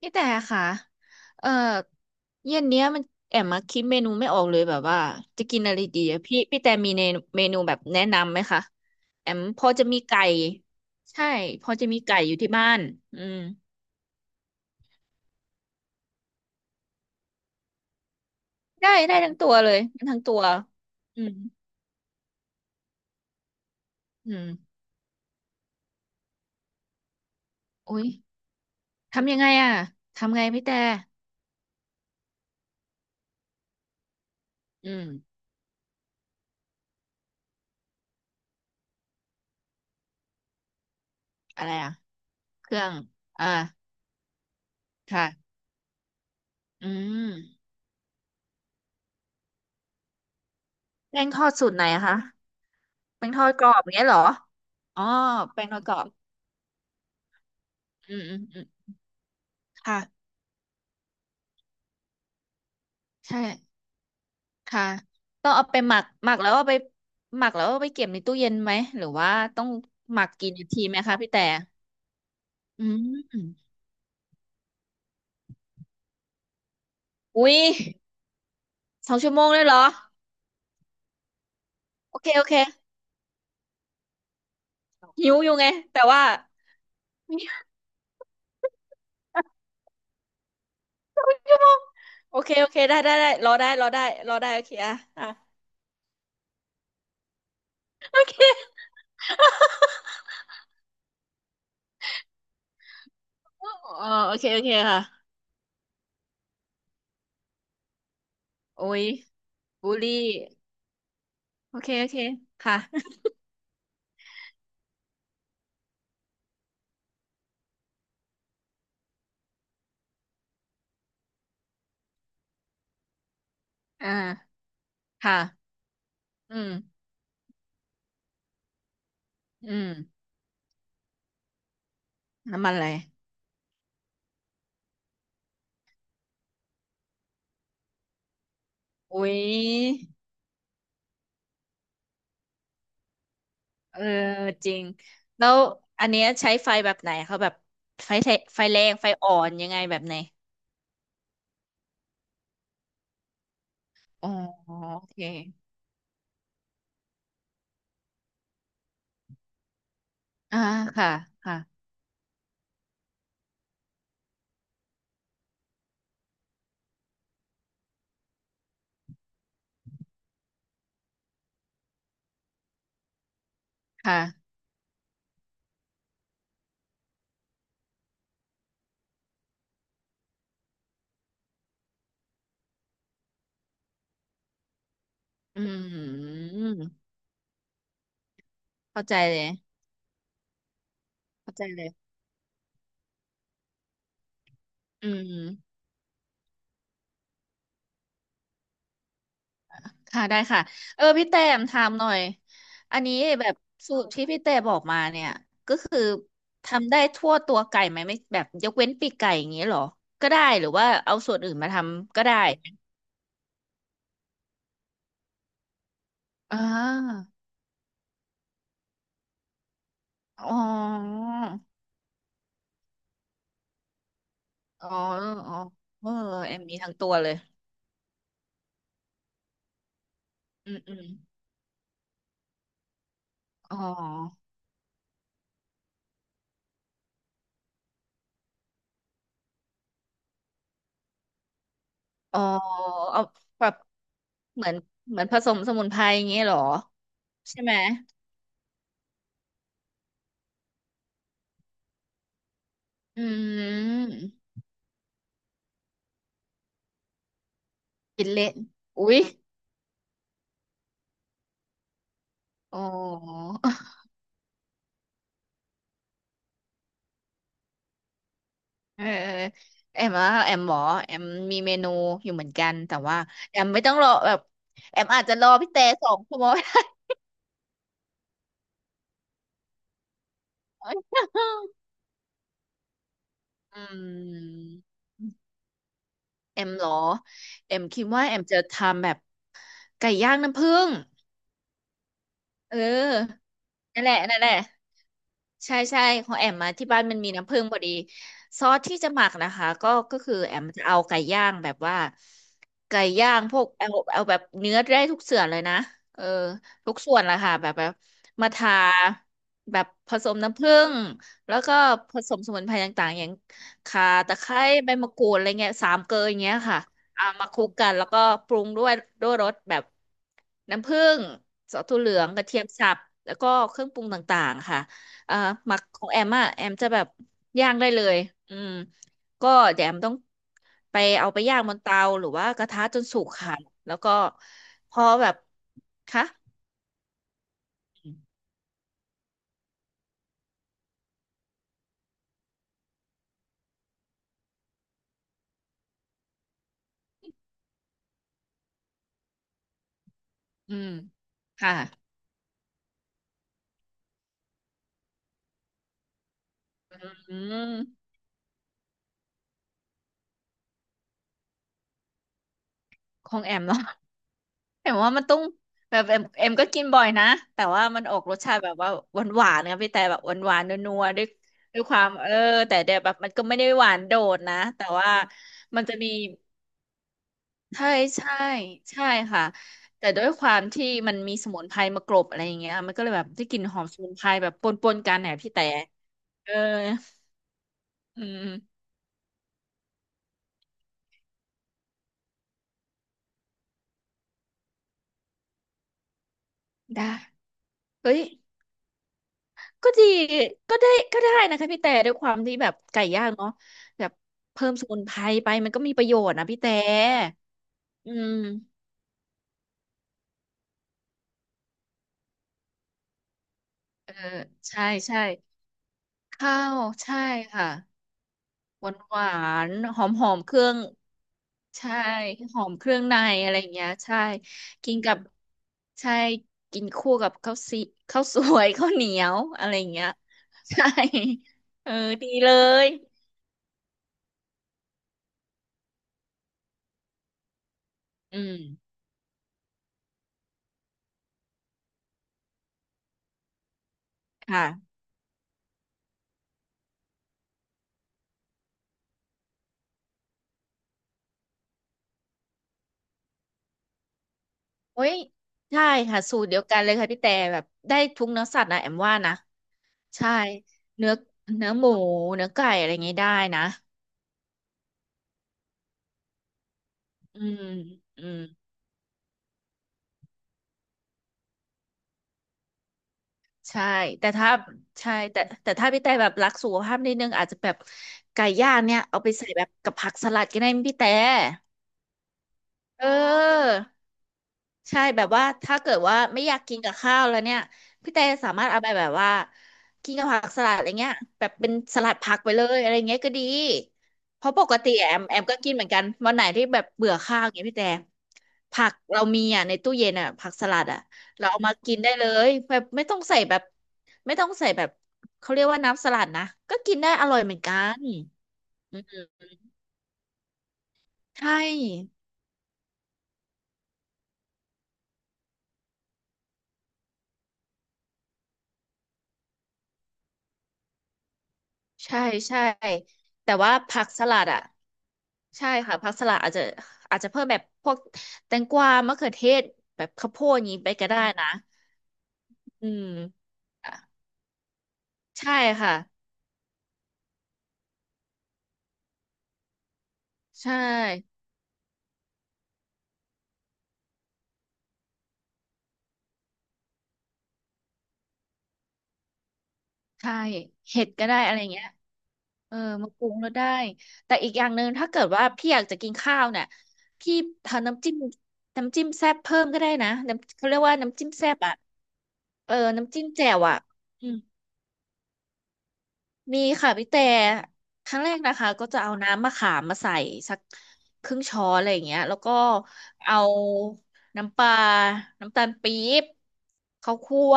พี่แต่ค่ะ เอ่อเย็นเนี้ยมันแอมมาคิดเมนูไม่ออกเลยแบบว่าจะกินอะไรดีอะพี่แต่มีเมนูแบบแนะนำไหมคะแอมพอจะมีไก่ใช่พอจะมีไก่อยู่ที่บ้านอืมได้ทั้งตัวเลยทั้งตัวอืมอืมอุ้ยทำยังไงอะทำไงพี่แต่อืมอะไรอะเครื่องอ่าค่ะอืมแป้งทอดสูตรไหนอะคะแป้งทอดกรอบอย่างเงี้ยเหรออ๋อแป้งทอดกรอบอืมอืม ค่ะใช่ค่ะต้องเอาไปหมักแล้วเอาไปหมักแล้วเอาไปเก็บในตู้เย็นไหมหรือว่าต้องหมักกี่นาทีไหมคะพี่แต่อืมอุ้ยสองชั่วโมงเลยเหรอโอเคโอเคหิวอยู่ไงแต่ว่า ชั่วโมงโอเคโอเคได้ได้ได้รอได้รอได้รอได้โอเคอ่ะอ่ะโอเคเออโอเคโอเคค่ะโอ้ยบูลลี่โอเคโอเคค่ะ อ่าค่ะอืมอืมน้ำมันอะไรอุ้ย เออจริงแล้วอันเนี้ยใช้ไฟแบบไหนเขาแบบไฟแทไฟแรงไฟอ่อนยังไงแบบไหนอ๋อโอเคอ่าค่ะค่ะค่ะอืมเข้าใจเลยเข้าใจเลยอืมค่ะได้ค่ะเออพี่แต้มถามหน่อยอันนี้แบบสูตรที่พี่แต้บอกมาเนี่ยก็คือทำได้ทั่วตัวไก่ไหมไม่แบบยกเว้นปีกไก่อย่างนี้เหรอก็ได้หรือว่าเอาส่วนอื่นมาทำก็ได้อ่าอ๋อ อ๋ออ๋อเออแอมมีทั้งตัวเลยอืมอืมอ๋ออ๋อเอาแบบเหมือนเหมือนผสมสมุนไพรอย่างเงี้ยเหรอใช่ไหมอืมกินเล่นอุ๊ยอ๋อ เออแอมว่าแอมหมอแอมมีเมนูอยู่เหมือนกันแต่ว่าแอมไม่ต้องรอแบบแอมอาจจะรอพี่แต่สองชั่วโมง อืมแอมเหรอแอมคิดว่าแอมจะทำแบบไก่ย่างน้ำผึ้ง เออนั่นแหละนั่นแหละ ใช่ใช่ของแอมมาที่บ้านมันมีน้ำผึ้งพอดีซอสที่จะหมักนะคะก็ก็คือแอมจะเอาไก่ย่างแบบว่าไก่ย่างพวกเอาเอาแบบเนื้อได้ทุกส่วนเลยนะเออทุกส่วนแหละค่ะแบบแบบมาทาแบบผสมน้ำผึ้งแล้วก็ผสมสมุนไพรต่างๆอย่างข่าตะไคร้ใบมะกรูดอะไรเงี้ยสามเกลออย่างเงี้ยค่ะเอามาคลุกกันแล้วก็ปรุงด้วยด้วยรสแบบน้ำผึ้งซอสถั่วเหลืองกระเทียมสับแล้วก็เครื่องปรุงต่างๆค่ะ อ่าหมักของแอมอ่ะแอมจะแบบย่างได้เลยอืมก็เดี๋ยวแอมต้องไปเอาไปย่างบนเตาหรือว่ากระทะจนสุกค่ะแล้วก็พอแบบคะอืมค่ะอืมของแอมเนาะ แอมว่ามันต้องแบบแอมก็กินบ่อยนะแต่ว่ามันออกรสชาติแบบว่าหวานหวานนะพี่แต่แบบหวานหวานนัวๆด้วยด้วยความเออแต่เดี๋ยวแบบมันก็ไม่ได้หวานโดดนะแต่ว่ามันจะมี ใช่ใช่ใช่ค่ะแต่ด้วยความที่มันมีสมุนไพรมากรบอะไรอย่างเงี้ยมันก็เลยแบบได้กลิ่นหอมสมุนไพรแบบปนปนกันเนี่ยพี่แต่เอออืมได้เฮ้ยก็ดีก็ได้ก็ได้นะคะพี่แต่ด้วยความที่แบบไก่ย่างเนาะแบบเพิ่มสมุนไพรไปมันก็มีประโยชน์นะพี่แต่อืมเออใช่ใช่ข้าวใช่ค่ะ หวานหวานหอมหอมเครื่องใช่หอมเครื่องในอะไรอย่างเงี้ยใช่กินกับใช่กินคู่กับข้าวซีข้าวสวย ข้าวเหนียวอะไรอย่างเงี้ยใช่เออดีเลยอืมค่ะโอ้ยใช่ค่ะสูตรเดียวกันเลยค่ะพี่แต่แบบได้ทุกเนื้อสัตว์นะแอมว่านะใช่เนื้อเนื้อหมูเนื้อไก่อะไรอย่างงี้ได้นะอืมอืม ใช่แต่ถ้าใช่แต่แต่ถ้าพี่แต่แบบรักสุขภาพนิดนึงอาจจะแบบไก่ย่างเนี่ยเอาไปใส่แบบกับผักสลัดก็ได้มั้ยพี่แต่เออ ใช่แบบว่าถ้าเกิดว่าไม่อยากกินกับข้าวแล้วเนี่ยพี่แต่สามารถเอาไปแบบว่ากินกับผักสลัดอะไรเงี้ยแบบเป็นสลัดผักไปเลยอะไรเงี้ยก็ดีเพราะปกติแอมก็กินเหมือนกันวันไหนที่แบบเบื่อข้าวอย่างเงี้ยพี่แต่ผักเรามีอ่ะในตู้เย็นอ่ะผักสลัดอ่ะเราเอามากินได้เลยแบบไม่ต้องใส่แบบไม่ต้องใส่แบบเขาเรียกว่าน้ำสลัดนะก็กินได้อร่อยเหมือนกันใช่ ใช่ใช่แต่ว่าผักสลัดอ่ะใช่ค่ะผักสลัดอาจจะอาจจะเพิ่มแบบพวกแตงกวามะเขือเทศแบบข้าวโพดอย่างนี้ไปก็ได้นะอืมอ่ะใช่ค่ะใช่ใช่เห็ดก็ได้อะไรเงี้ยเออมาปรุงแล้วได้แต่อีกอย่างหนึ่งถ้าเกิดว่าพี่อยากจะกินข้าวเนี่ยพี่ทำน้ำจิ้มน้ำจิ้มแซ่บเพิ่มก็ได้นะน้ำเขาเรียกว่าน้ำจิ้มแซ่บอ่ะเออน้ำจิ้มแจ่วอ่ะ มีค่ะพี่แต่ครั้งแรกนะคะก็จะเอาน้ำมะขามมาใส่สักครึ่งช้อนอะไรอย่างเงี้ยแล้วก็เอาน้ำปลาน้ำตาลปี๊บข้าวคั่ว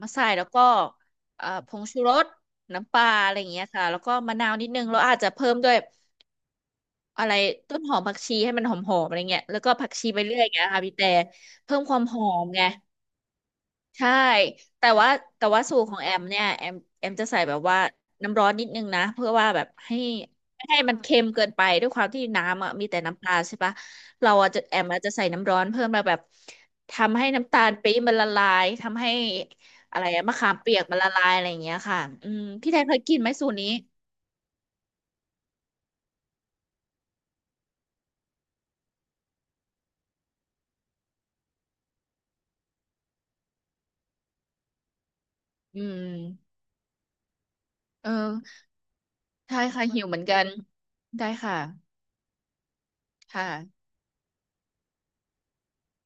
มาใส่แล้วก็ผงชูรสน้ำปลาอะไรอย่างเงี้ยค่ะ แล้วก็มะนาวนิดนึงแล้วอาจจะเพิ่มด้วยอะไรต้นหอมผักชีให้มันหอมๆอะไรเงี้ยแล้วก็ผักชีไปเรื่อยอย่างเงี้ยค่ะพี่แต่เพิ่มความหอมไง ใช่ แต่ว่าแต่ว่าสูตรของแอมเนี่ยแอมจะใส่แบบว่าน้ำร้อนนิดนึงนะเพื่อว่าแบบให้ไม่ให้มันเค็มเกินไปด้วยความที่น้ำอ่ะมีแต่น้ำตาลใช่ปะเราอาจจะแอมอาจจะใส่น้ำร้อนเพิ่มมาแบบทำให้น้ำตาลปี๊บมันละลายทำให้อะไรอะมะขามเปียกมันละลายอะไรอย่างเงี้ยค่ะอืมพี่แทนเคยกินไหมสูตรนี้อืมเออใช่ค่ะหิวเหมือนกันได้ค่ะค่ะ